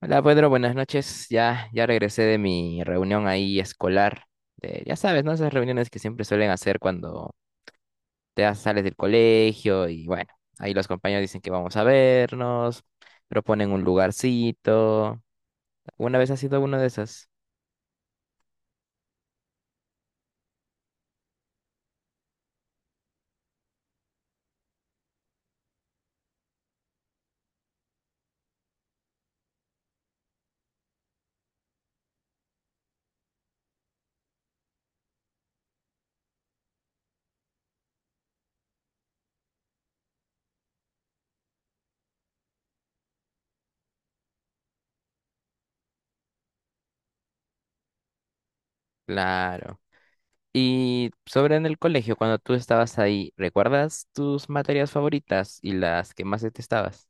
Hola Pedro, buenas noches. Ya, ya regresé de mi reunión ahí escolar. Ya sabes, ¿no? Esas reuniones que siempre suelen hacer cuando sales del colegio y bueno, ahí los compañeros dicen que vamos a vernos, proponen un lugarcito. ¿Una vez has sido uno de esas? Claro. Y sobre en el colegio, cuando tú estabas ahí, ¿recuerdas tus materias favoritas y las que más detestabas?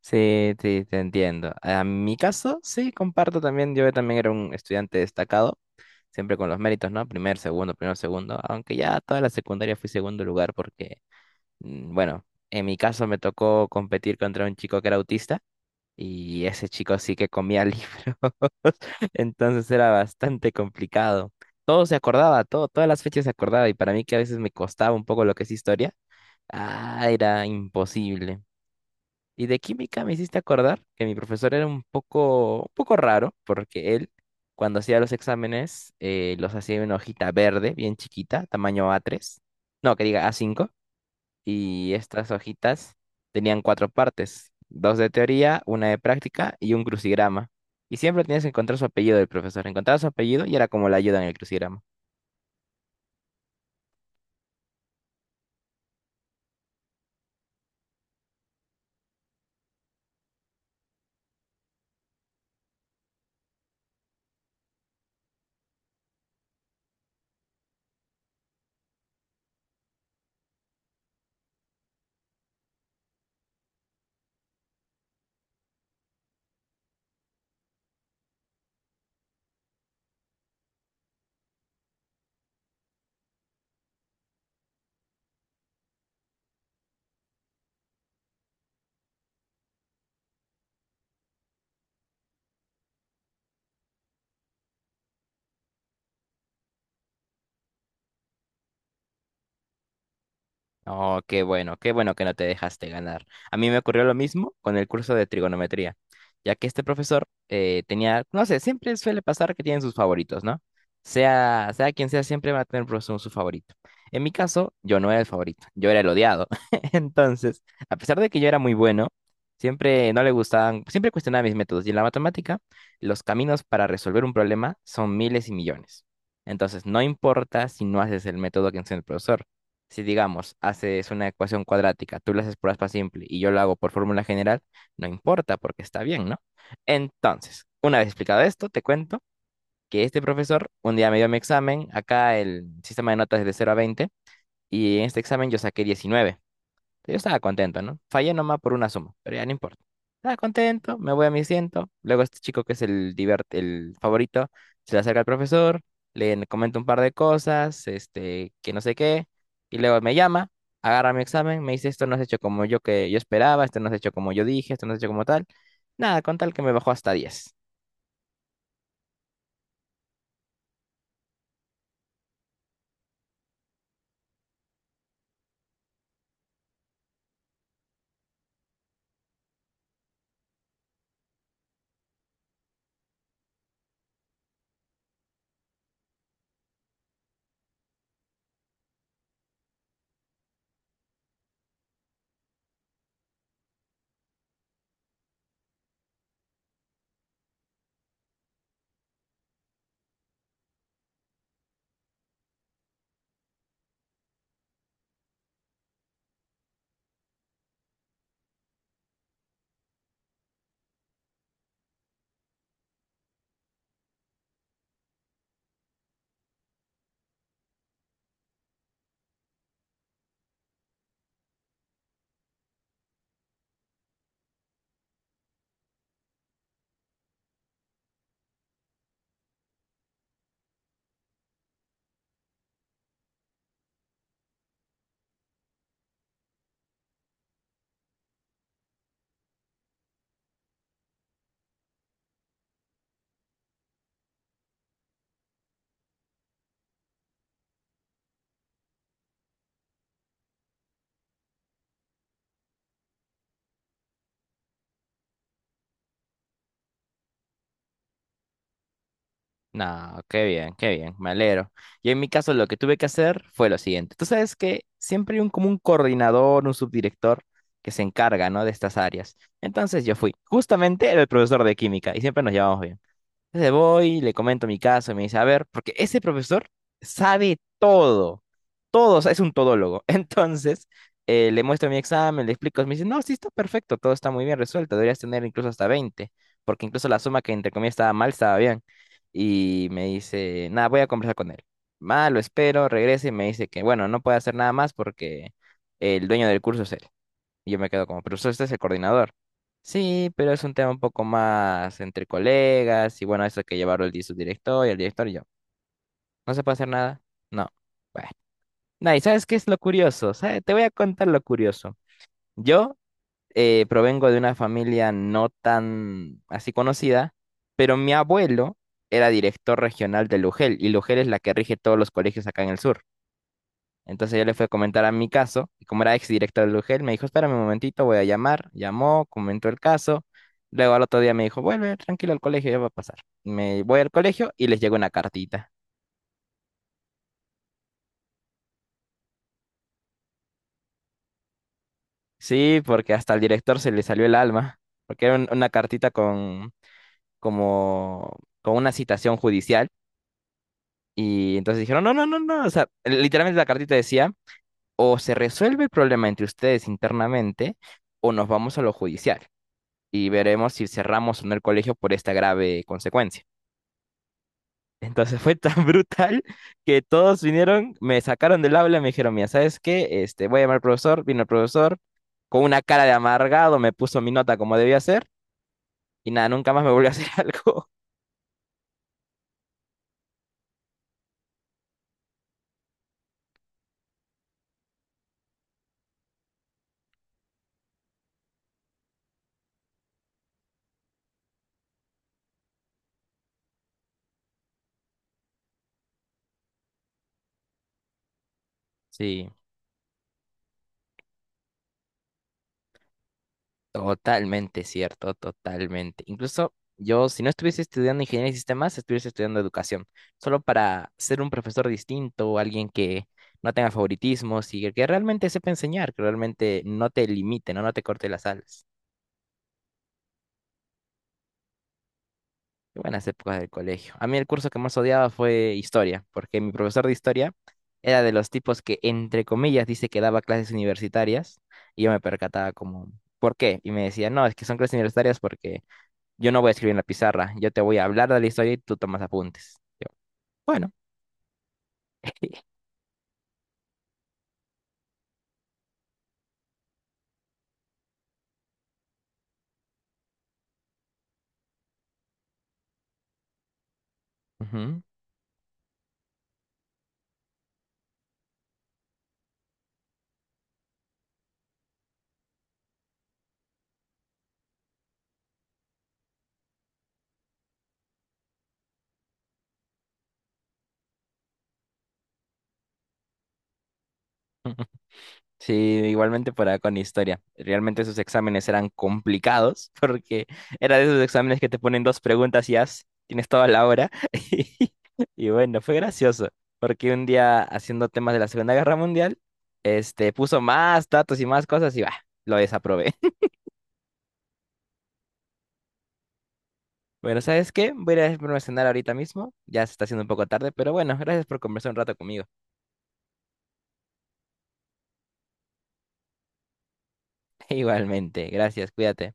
Sí, sí, te entiendo. A mi caso, sí, comparto también. Yo también era un estudiante destacado. Siempre con los méritos, ¿no? Primer, segundo, primero, segundo. Aunque ya toda la secundaria fui segundo lugar porque, bueno, en mi caso me tocó competir contra un chico que era autista y ese chico sí que comía libros. Entonces era bastante complicado. Todo se acordaba, todo, todas las fechas se acordaba y para mí que a veces me costaba un poco lo que es historia, ah, era imposible. Y de química me hiciste acordar que mi profesor era un poco raro, porque él, cuando hacía los exámenes, los hacía en una hojita verde, bien chiquita, tamaño A3, no, que diga A5, y estas hojitas tenían cuatro partes, dos de teoría, una de práctica y un crucigrama. Y siempre tenías que encontrar su apellido del profesor. Encontraba su apellido y era como la ayuda en el crucigrama. Oh, qué bueno que no te dejaste ganar. A mí me ocurrió lo mismo con el curso de trigonometría, ya que este profesor tenía, no sé, siempre suele pasar que tienen sus favoritos, ¿no? Sea, sea quien sea, siempre va a tener un profesor su favorito. En mi caso, yo no era el favorito, yo era el odiado. Entonces, a pesar de que yo era muy bueno, siempre no le gustaban, siempre cuestionaba mis métodos. Y en la matemática, los caminos para resolver un problema son miles y millones. Entonces, no importa si no haces el método que enseña el profesor. Si digamos, haces una ecuación cuadrática, tú la haces por aspa simple y yo lo hago por fórmula general, no importa porque está bien, ¿no? Entonces, una vez explicado esto, te cuento que este profesor un día me dio mi examen, acá el sistema de notas es de 0 a 20 y en este examen yo saqué 19. Yo estaba contento, ¿no? Fallé nomás por una suma, pero ya no importa. Estaba contento, me voy a mi asiento. Luego este chico que es el, el favorito, se le acerca al profesor, le comenta un par de cosas, que no sé qué, y luego me llama, agarra mi examen, me dice, esto no es hecho como yo que yo esperaba, esto no es hecho como yo dije, esto no es hecho como tal. Nada, con tal que me bajó hasta 10. No, qué bien, me alegro. Y en mi caso lo que tuve que hacer fue lo siguiente. Tú sabes que siempre hay un, como un coordinador, un subdirector que se encarga, ¿no?, de estas áreas. Entonces yo fui. Justamente era el profesor de química y siempre nos llevamos bien. Entonces voy, le comento mi caso, y me dice, a ver, porque ese profesor sabe todo, todo, o sea, es un todólogo. Entonces, le muestro mi examen, le explico, me dice, no, sí está perfecto, todo está muy bien resuelto, deberías tener incluso hasta 20 porque incluso la suma que entre comillas estaba mal, estaba bien. Y me dice, nada, voy a conversar con él. Ah, lo espero, regrese y me dice que, bueno, no puede hacer nada más porque el dueño del curso es él. Y yo me quedo como, pero usted este es el coordinador. Sí, pero es un tema un poco más entre colegas y bueno, eso que llevarlo su director y el director y yo. ¿No se puede hacer nada? No. Bueno. Nah, ¿y sabes qué es lo curioso? ¿Sabe? Te voy a contar lo curioso. Yo provengo de una familia no tan así conocida, pero mi abuelo era director regional de Lugel y Lugel es la que rige todos los colegios acá en el sur. Entonces yo le fui a comentar a mi caso, y como era ex director del UGEL, me dijo, espérame un momentito, voy a llamar. Llamó, comentó el caso. Luego al otro día me dijo, vuelve tranquilo al colegio, ya va a pasar. Me voy al colegio y les llegó una cartita. Sí, porque hasta al director se le salió el alma, porque era una cartita con, como, con una citación judicial. Y entonces dijeron, no, no, no, no, o sea, literalmente la cartita decía, o se resuelve el problema entre ustedes internamente, o nos vamos a lo judicial y veremos si cerramos o no el colegio por esta grave consecuencia. Entonces fue tan brutal que todos vinieron, me sacaron del aula y me dijeron, mira, ¿sabes qué? Voy a llamar al profesor, vino el profesor, con una cara de amargado me puso mi nota como debía ser y nada, nunca más me volvió a hacer algo. Sí. Totalmente cierto, totalmente. Incluso yo, si no estuviese estudiando ingeniería de sistemas, estuviese estudiando educación, solo para ser un profesor distinto, alguien que no tenga favoritismos y que realmente sepa enseñar, que realmente no te limite, no, no te corte las alas. Qué buenas épocas del colegio. A mí el curso que más odiaba fue historia, porque mi profesor de historia era de los tipos que, entre comillas, dice que daba clases universitarias y yo me percataba como, ¿por qué? Y me decía, no, es que son clases universitarias porque yo no voy a escribir en la pizarra, yo te voy a hablar de la historia y tú tomas apuntes. Yo, bueno. Ujú. Sí, igualmente para con historia. Realmente esos exámenes eran complicados porque era de esos exámenes que te ponen dos preguntas y ya tienes toda la hora. Y bueno, fue gracioso porque un día haciendo temas de la Segunda Guerra Mundial, este, puso más datos y más cosas y bah, lo desaprobé. Bueno, ¿sabes qué? Voy a ir a irme a cenar ahorita mismo. Ya se está haciendo un poco tarde, pero bueno, gracias por conversar un rato conmigo. Igualmente, gracias, cuídate.